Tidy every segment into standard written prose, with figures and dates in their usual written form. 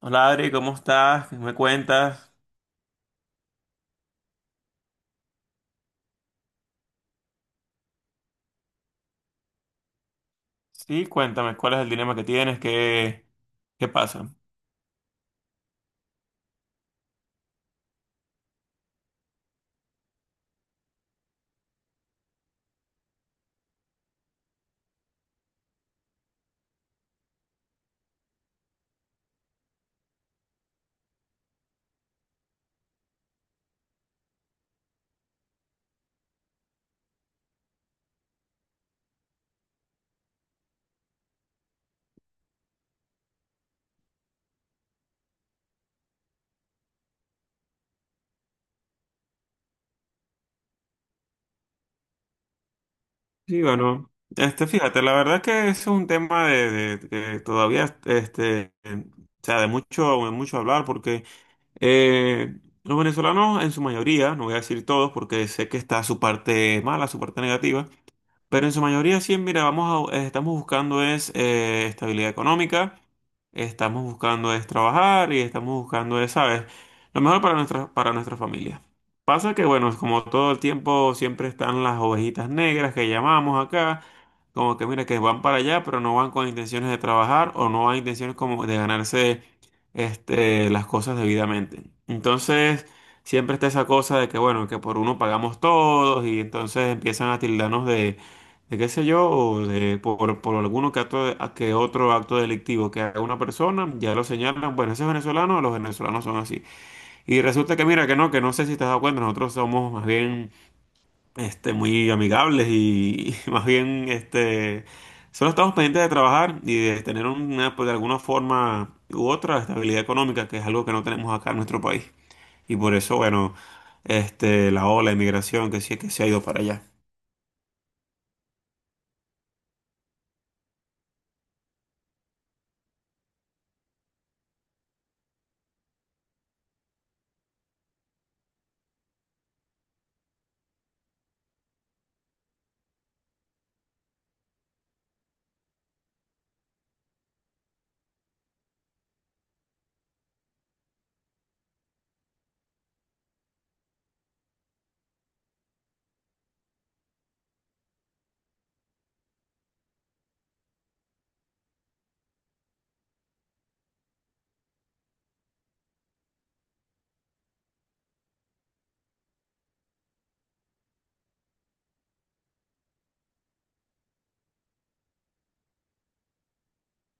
Hola Adri, ¿cómo estás? ¿Qué ¿Me cuentas? Sí, cuéntame, ¿cuál es el dilema que tienes? ¿Qué pasa? Sí, bueno, fíjate, la verdad que es un tema que todavía, o sea, de mucho hablar, porque eh, los venezolanos en su mayoría, no voy a decir todos, porque sé que está su parte mala, su parte negativa. Pero en su mayoría sí, mira, estamos buscando es estabilidad económica, estamos buscando es trabajar y estamos buscando es, ¿sabes? Lo mejor para nuestra familia. Pasa que, bueno, como todo el tiempo siempre están las ovejitas negras que llamamos acá, como que mira, que van para allá, pero no van con intenciones de trabajar o no van intenciones como de ganarse las cosas debidamente. Entonces. Siempre está esa cosa de que, bueno, que por uno pagamos todos y entonces empiezan a tildarnos de qué sé yo, o de, por alguno que, que otro acto delictivo que haga una persona, ya lo señalan, bueno, ese es venezolano, los venezolanos son así. Y resulta que mira que no sé si te has dado cuenta, nosotros somos más bien muy amigables y, y más bien solo estamos pendientes de trabajar y de tener una, pues, de alguna forma u otra estabilidad económica, que es algo que no tenemos acá en nuestro país. Y por eso, bueno, la ola de migración que sí que se ha ido para allá.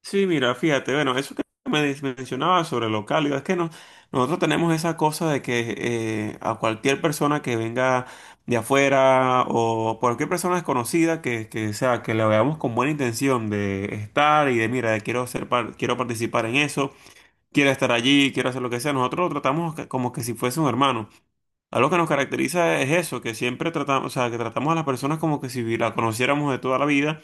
Sí, mira, fíjate, bueno, eso que mencionabas sobre lo cálido, es que no, nosotros tenemos esa cosa de que a cualquier persona que venga de afuera o cualquier persona desconocida que sea, que la veamos con buena intención de estar y de, mira, de quiero ser, quiero participar en eso, quiero estar allí, quiero hacer lo que sea, nosotros lo tratamos como que si fuese un hermano. Algo que nos caracteriza es eso, que siempre tratamos, o sea, que tratamos a las personas como que si la conociéramos de toda la vida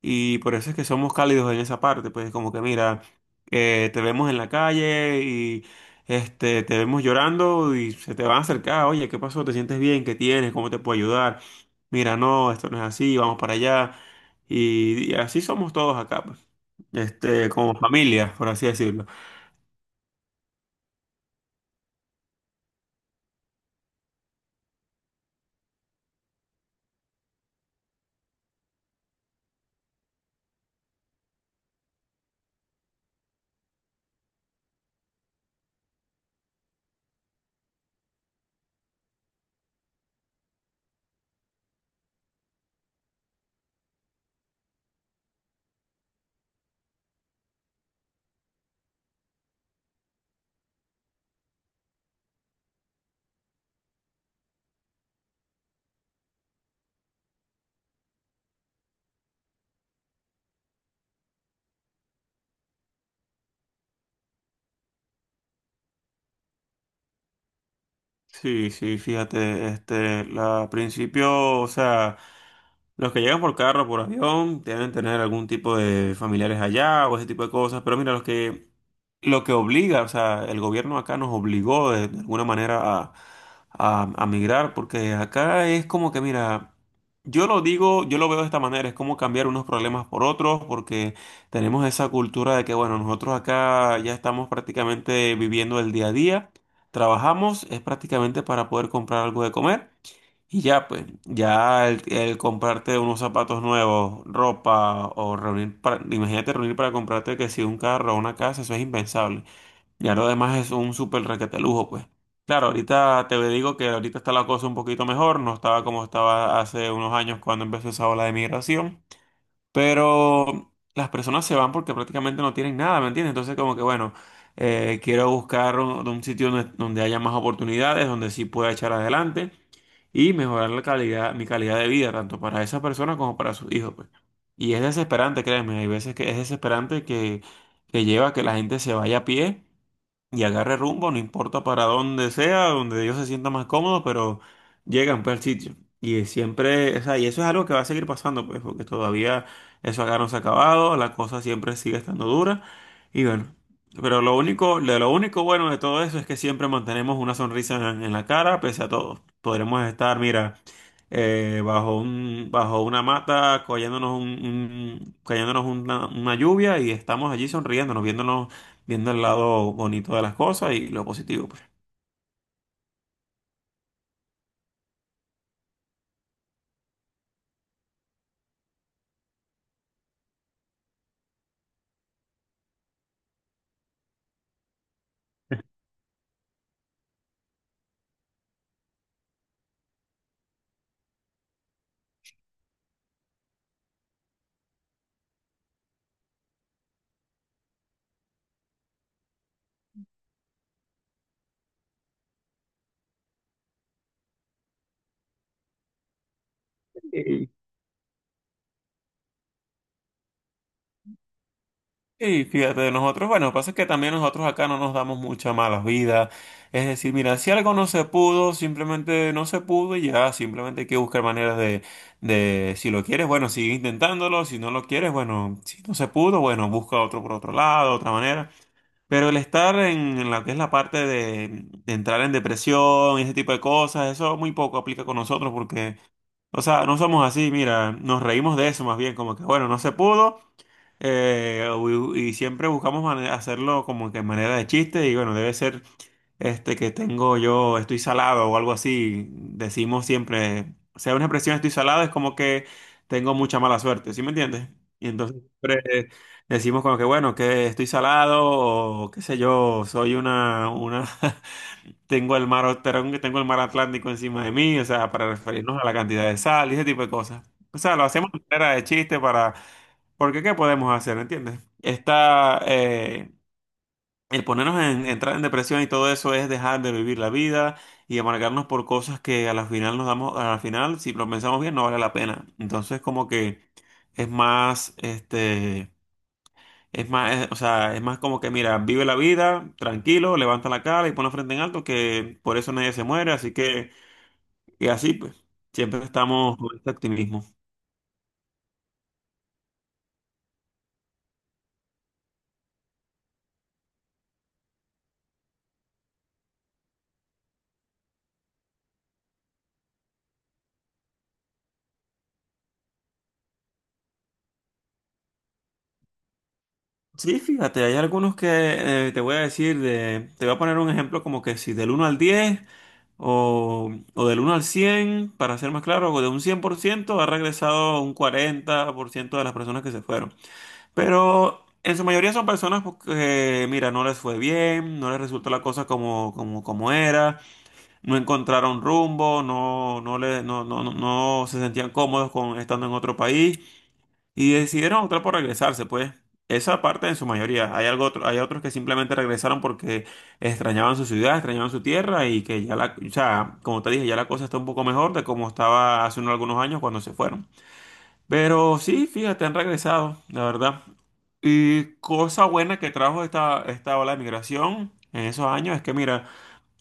y por eso es que somos cálidos en esa parte, pues como que mira, te vemos en la calle y te vemos llorando y se te van a acercar, oye, ¿qué pasó? ¿Te sientes bien? ¿Qué tienes? ¿Cómo te puedo ayudar? Mira, no, esto no es así, vamos para allá. Y así somos todos acá, pues, como familia, por así decirlo. Sí, sí, fíjate, al principio, o sea, los que llegan por carro, por avión, deben tener algún tipo de familiares allá o ese tipo de cosas, pero mira, los que lo que obliga, o sea, el gobierno acá nos obligó de alguna manera a migrar, porque acá es como que, mira, yo lo digo, yo lo veo de esta manera, es como cambiar unos problemas por otros, porque tenemos esa cultura de que, bueno, nosotros acá ya estamos prácticamente viviendo el día a día, trabajamos, es prácticamente para poder comprar algo de comer. Y ya, pues, ya el comprarte unos zapatos nuevos, ropa, o reunir, imagínate reunir para comprarte que si un carro o una casa, eso es impensable. Y ahora demás es un súper requete lujo, pues. Claro, ahorita te digo que ahorita está la cosa un poquito mejor, no estaba como estaba hace unos años cuando empezó esa ola de migración, pero las personas se van porque prácticamente no tienen nada, ¿me entiendes? Entonces como que bueno, quiero buscar un sitio donde haya más oportunidades, donde sí pueda echar adelante y mejorar la calidad, mi calidad de vida, tanto para esa persona como para sus hijos, pues. Y es desesperante, créeme, hay veces que es desesperante que lleva a que la gente se vaya a pie y agarre rumbo, no importa para dónde sea, donde ellos se sientan más cómodos, pero llegan pues al sitio. Y siempre, o sea, y eso es algo que va a seguir pasando, pues, porque todavía eso acá no se ha acabado, la cosa siempre sigue estando dura. Y bueno, pero lo único, de lo único bueno de todo eso es que siempre mantenemos una sonrisa en la cara, pese a todo. Podremos estar, mira, bajo una mata, cayéndonos una lluvia y estamos allí sonriéndonos, viéndonos viendo el lado bonito de las cosas y lo positivo, pues. Sí. Y fíjate, de nosotros, bueno, lo que pasa es que también nosotros acá no nos damos mucha mala vida. Es decir, mira, si algo no se pudo, simplemente no se pudo y ya, simplemente hay que buscar maneras de, si lo quieres, bueno, sigue intentándolo, si no lo quieres, bueno, si no se pudo, bueno, busca otro por otro lado, otra manera. Pero el estar en la que es la parte de entrar en depresión y ese tipo de cosas, eso muy poco aplica con nosotros porque. O sea, no somos así, mira, nos reímos de eso más bien, como que bueno, no se pudo siempre buscamos hacerlo como que en manera de chiste y bueno, debe ser este que tengo yo, estoy salado o algo así, decimos siempre, o sea, una expresión estoy salado es como que tengo mucha mala suerte, ¿sí me entiendes? Y entonces siempre decimos como que bueno, que estoy salado o qué sé yo, soy una, Tengo el mar Atlántico encima de mí, o sea, para referirnos a la cantidad de sal y ese tipo de cosas. O sea, lo hacemos de manera de chiste para, porque ¿qué podemos hacer? ¿Entiendes? Está, el ponernos entrar en depresión y todo eso es dejar de vivir la vida y amargarnos por cosas que a la final nos damos, a la final, si lo pensamos bien, no vale la pena. Entonces, como que es más, este es más, es- o sea, es más como que, mira, vive la vida, tranquilo, levanta la cara y pon la frente en alto, que por eso nadie se muere, así que, y así pues, siempre estamos con este optimismo. Sí, fíjate, hay algunos que te voy a decir, de, te voy a poner un ejemplo como que si del 1 al 10 o del 1 al 100 para ser más claro, o de un 100% ha regresado un 40% de las personas que se fueron. Pero en su mayoría son personas pues, que, mira, no les fue bien, no les resultó la cosa como era, no encontraron rumbo, no, no, le, no, no, no, no se sentían cómodos con estando en otro país y decidieron optar por regresarse, pues. Esa parte en su mayoría. Hay otros que simplemente regresaron porque extrañaban su ciudad, extrañaban su tierra y que ya la, o sea, como te dije, ya la cosa está un poco mejor de como estaba hace unos algunos años cuando se fueron. Pero sí, fíjate, han regresado, la verdad. Y cosa buena que trajo esta ola de migración en esos años es que, mira,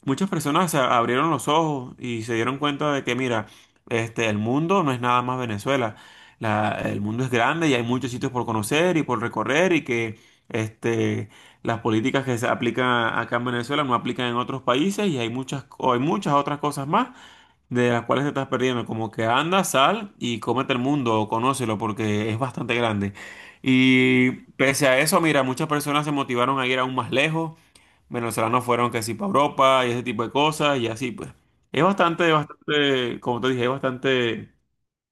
muchas personas se abrieron los ojos y se dieron cuenta de que, mira, el mundo no es nada más Venezuela. El mundo es grande y hay muchos sitios por conocer y por recorrer y que este, las políticas que se aplican acá en Venezuela no aplican en otros países y hay muchas, o hay muchas otras cosas más de las cuales te estás perdiendo. Como que anda, sal y cómete el mundo o conócelo porque es bastante grande. Y pese a eso, mira, muchas personas se motivaron a ir aún más lejos. Venezolanos fueron que sí para Europa y ese tipo de cosas y así pues. Es bastante, bastante, como te dije, es bastante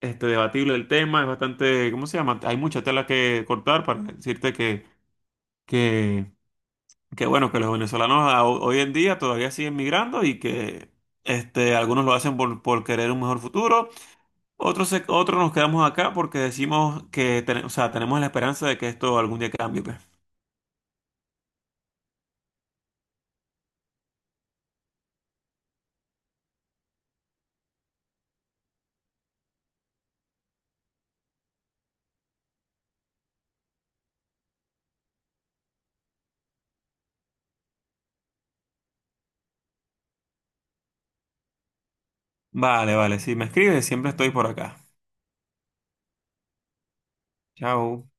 debatible el tema, es bastante, ¿cómo se llama? Hay mucha tela que cortar para decirte que, que, que bueno, que los venezolanos hoy en día todavía siguen migrando y que algunos lo hacen por, querer un mejor futuro, otro nos quedamos acá porque decimos que o sea, tenemos la esperanza de que esto algún día cambie, pues. Vale, vale, si me escribes, siempre estoy por acá. Chao.